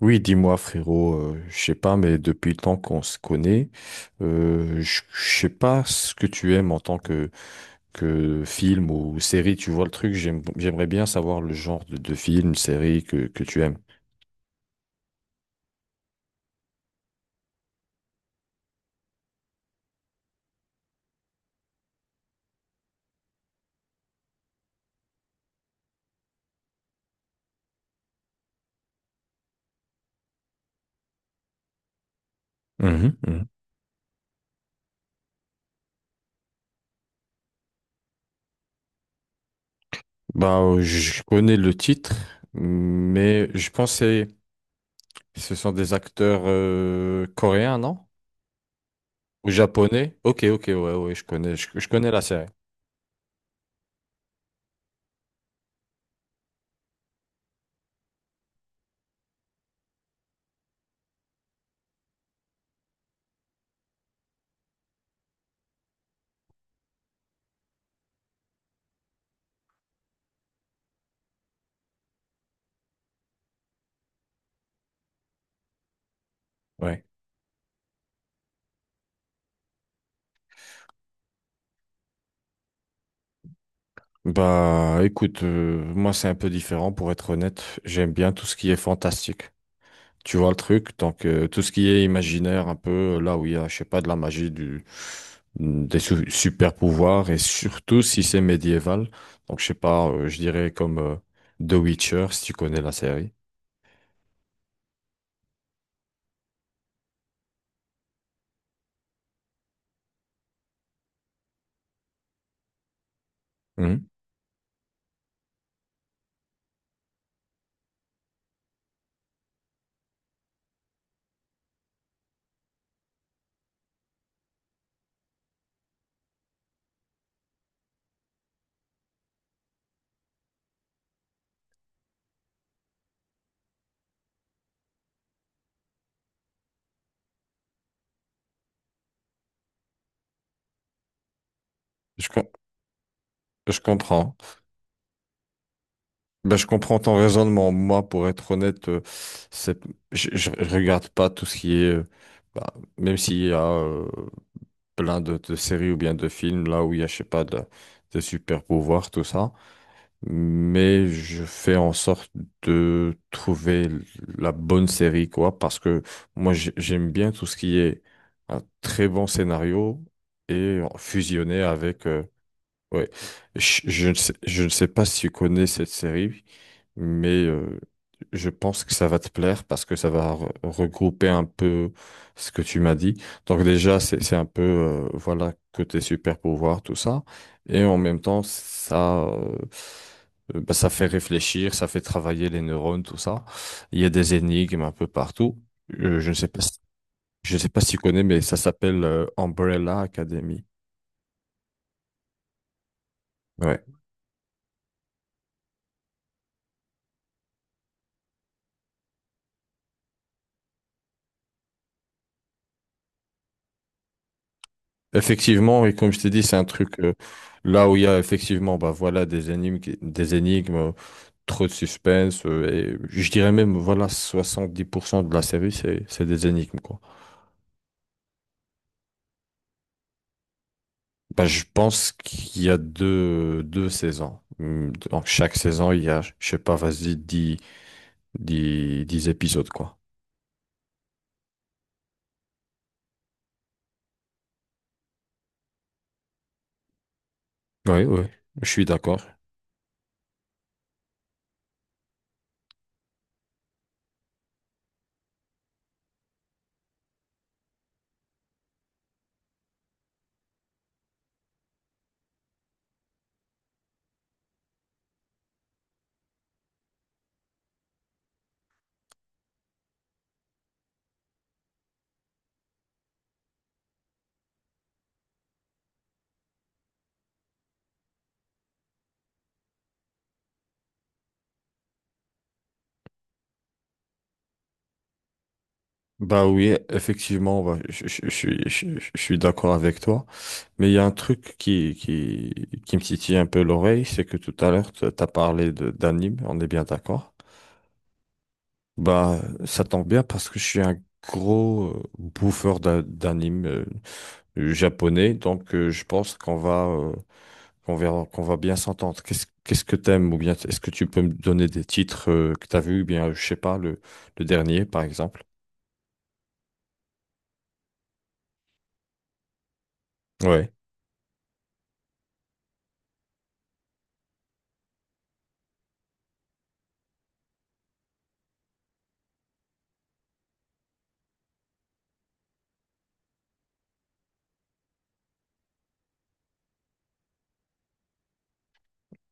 Oui, dis-moi frérot, je sais pas, mais depuis le temps qu'on se connaît, je sais pas ce que tu aimes en tant que film ou série, tu vois le truc, j'aimerais bien savoir le genre de film, série que tu aimes. Mhm, mhm. Bah, je connais le titre, mais je pensais ce sont des acteurs coréens, non? Ou japonais? Ok, ok, ouais, ouais, je connais, je connais la série. Ouais. Bah écoute, moi c'est un peu différent pour être honnête. J'aime bien tout ce qui est fantastique. Tu vois le truc, donc tout ce qui est imaginaire, un peu là où il y a, je sais pas, de la magie, du, super pouvoirs et surtout si c'est médiéval. Donc je sais pas, je dirais comme The Witcher si tu connais la série. Mhm. Je, com- je comprends. Ben, je comprends ton raisonnement. Moi, pour être honnête, c'est, je, je regarde pas tout ce qui est, bah, même s'il y a plein de séries ou bien de films là où il y a, je sais pas, de, des super pouvoirs, tout ça. Mais je fais en sorte de trouver la bonne série, quoi, parce que moi, j'aime bien tout ce qui est un très bon scénario et fusionné avec ouais. Je ne sais pas si tu connais cette série, mais je pense que ça va te plaire parce que ça va regrouper un peu ce que tu m'as dit. Donc déjà, c'est un peu, voilà, côté super pouvoir, tout ça. Et en même temps, ça, bah, ça fait réfléchir, ça fait travailler les neurones, tout ça. Il y a des énigmes un peu partout. Je ne sais pas si, je ne sais pas si tu connais, mais ça s'appelle Umbrella Academy. Ouais. Effectivement, et comme je t'ai dit, c'est un truc là où il y a effectivement bah voilà des énigmes, des énigmes, trop de suspense et je dirais même voilà 70% de la série c'est des énigmes quoi. Bah je pense qu'il y a deux saisons. Donc chaque saison il y a je sais pas vas-y 10 épisodes quoi. Oui, oui, je suis d'accord. Bah oui, effectivement, bah, je, je suis, je, je suis d'accord avec toi. Mais il y a un truc qui me titille un peu l'oreille, c'est que tout à l'heure, tu as parlé d'anime, on est bien d'accord. Bah, ça tombe bien parce que je suis un gros bouffeur d'anime japonais, donc je pense qu'on va, qu'on verra, qu'on va bien s'entendre. Qu'est-ce, qu'est-ce que t'aimes ou bien est-ce que tu peux me donner des titres que t'as vus, ou bien, je sais pas, le dernier, par exemple? Ouais.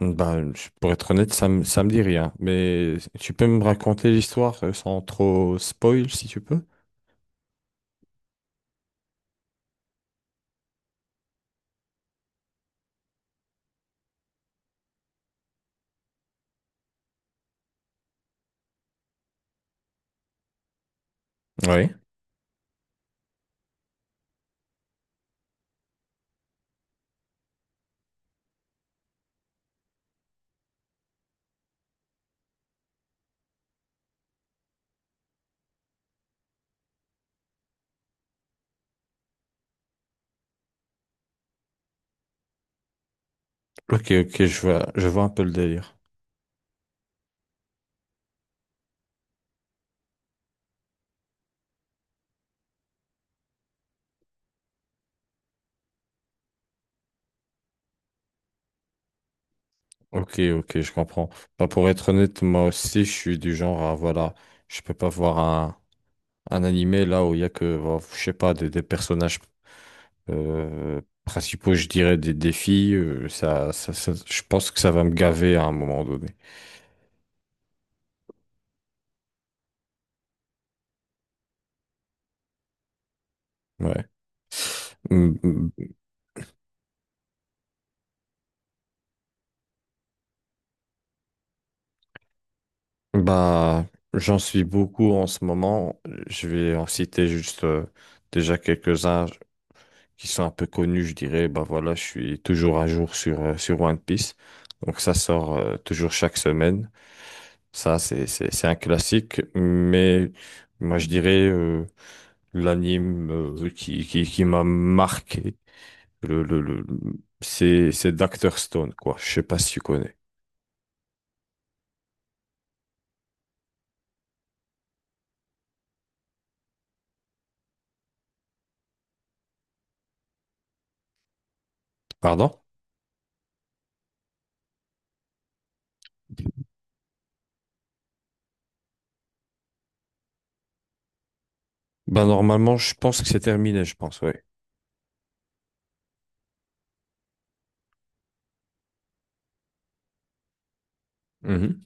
Bah, pour être honnête, ça me dit rien. Mais tu peux me raconter l'histoire sans trop spoil, si tu peux? Oui. Ok, ok, je vois un peu le délire. Ok, ok, je comprends. Bah, pour être honnête, moi aussi, je suis du genre à, voilà, je peux pas voir un animé là où il y a que, bah, je sais pas, des personnages principaux, je dirais, des défis. Ça, ça, je pense que ça va me gaver à un moment donné. Ouais. Mm. Bah, j'en suis beaucoup en ce moment. Je vais en citer juste déjà quelques-uns qui sont un peu connus, je dirais. Bah voilà, je suis toujours à jour sur, sur One Piece. Donc ça sort toujours chaque semaine. Ça, c'est un classique. Mais moi, je dirais l'anime qui m'a marqué, le, c'est Dr. Stone, quoi. Je sais pas si tu connais. Pardon? Bah normalement, je pense que c'est terminé, je pense, oui.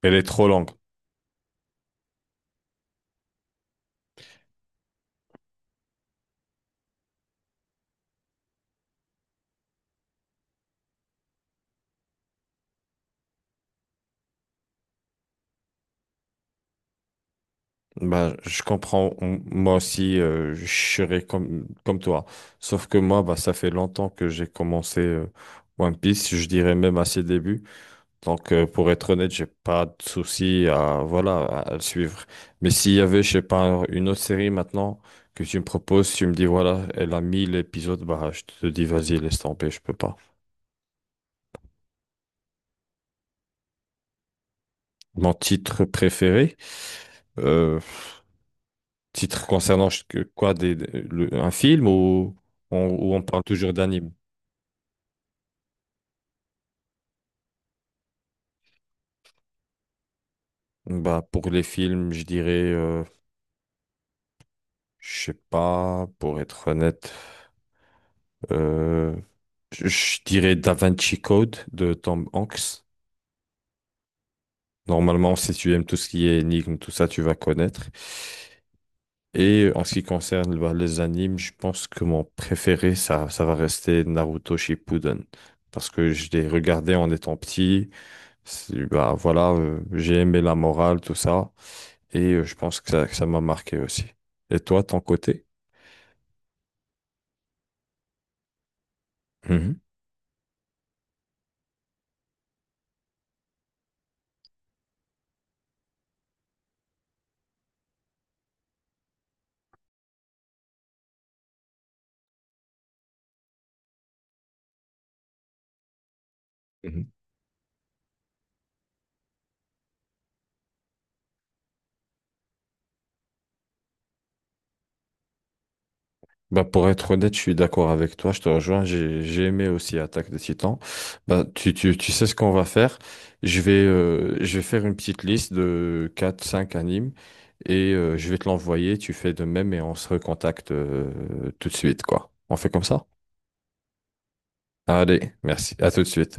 Elle est trop longue. Bah, je comprends. Moi aussi, je serais comme, comme toi. Sauf que moi, bah, ça fait longtemps que j'ai commencé One Piece. Je dirais même à ses débuts. Donc, pour être honnête, j'ai pas de souci à, voilà, à le suivre. Mais s'il y avait, je sais pas, une autre série maintenant que tu me proposes, tu me dis, voilà, elle a 1000 épisodes, bah, je te dis, vas-y, laisse tomber, je peux pas. Mon titre préféré. euh, Titre concernant quoi des, un film ou on parle toujours d'anime? Bah, pour les films, je dirais, je sais pas, pour être honnête, euh, je dirais Da Vinci Code de Tom Hanks. Normalement, si tu aimes tout ce qui est énigme, tout ça, tu vas connaître. Et en ce qui concerne bah, les animes, je pense que mon préféré, ça va rester Naruto Shippuden. Parce que je l'ai regardé en étant petit. C'est- Bah, voilà, j'ai aimé la morale, tout ça, et je pense que ça m'a marqué aussi. Et toi, ton côté? Mhm. Mhm. Bah, pour être honnête, je suis d'accord avec toi, je te rejoins, j'ai aimé aussi Attaque des Titans. Bah, tu sais ce qu'on va faire? Je vais faire une petite liste de quatre cinq animes, et je vais te l'envoyer, tu fais de même, et on se recontacte tout de suite, quoi. On fait comme ça? Allez, merci, à tout de suite.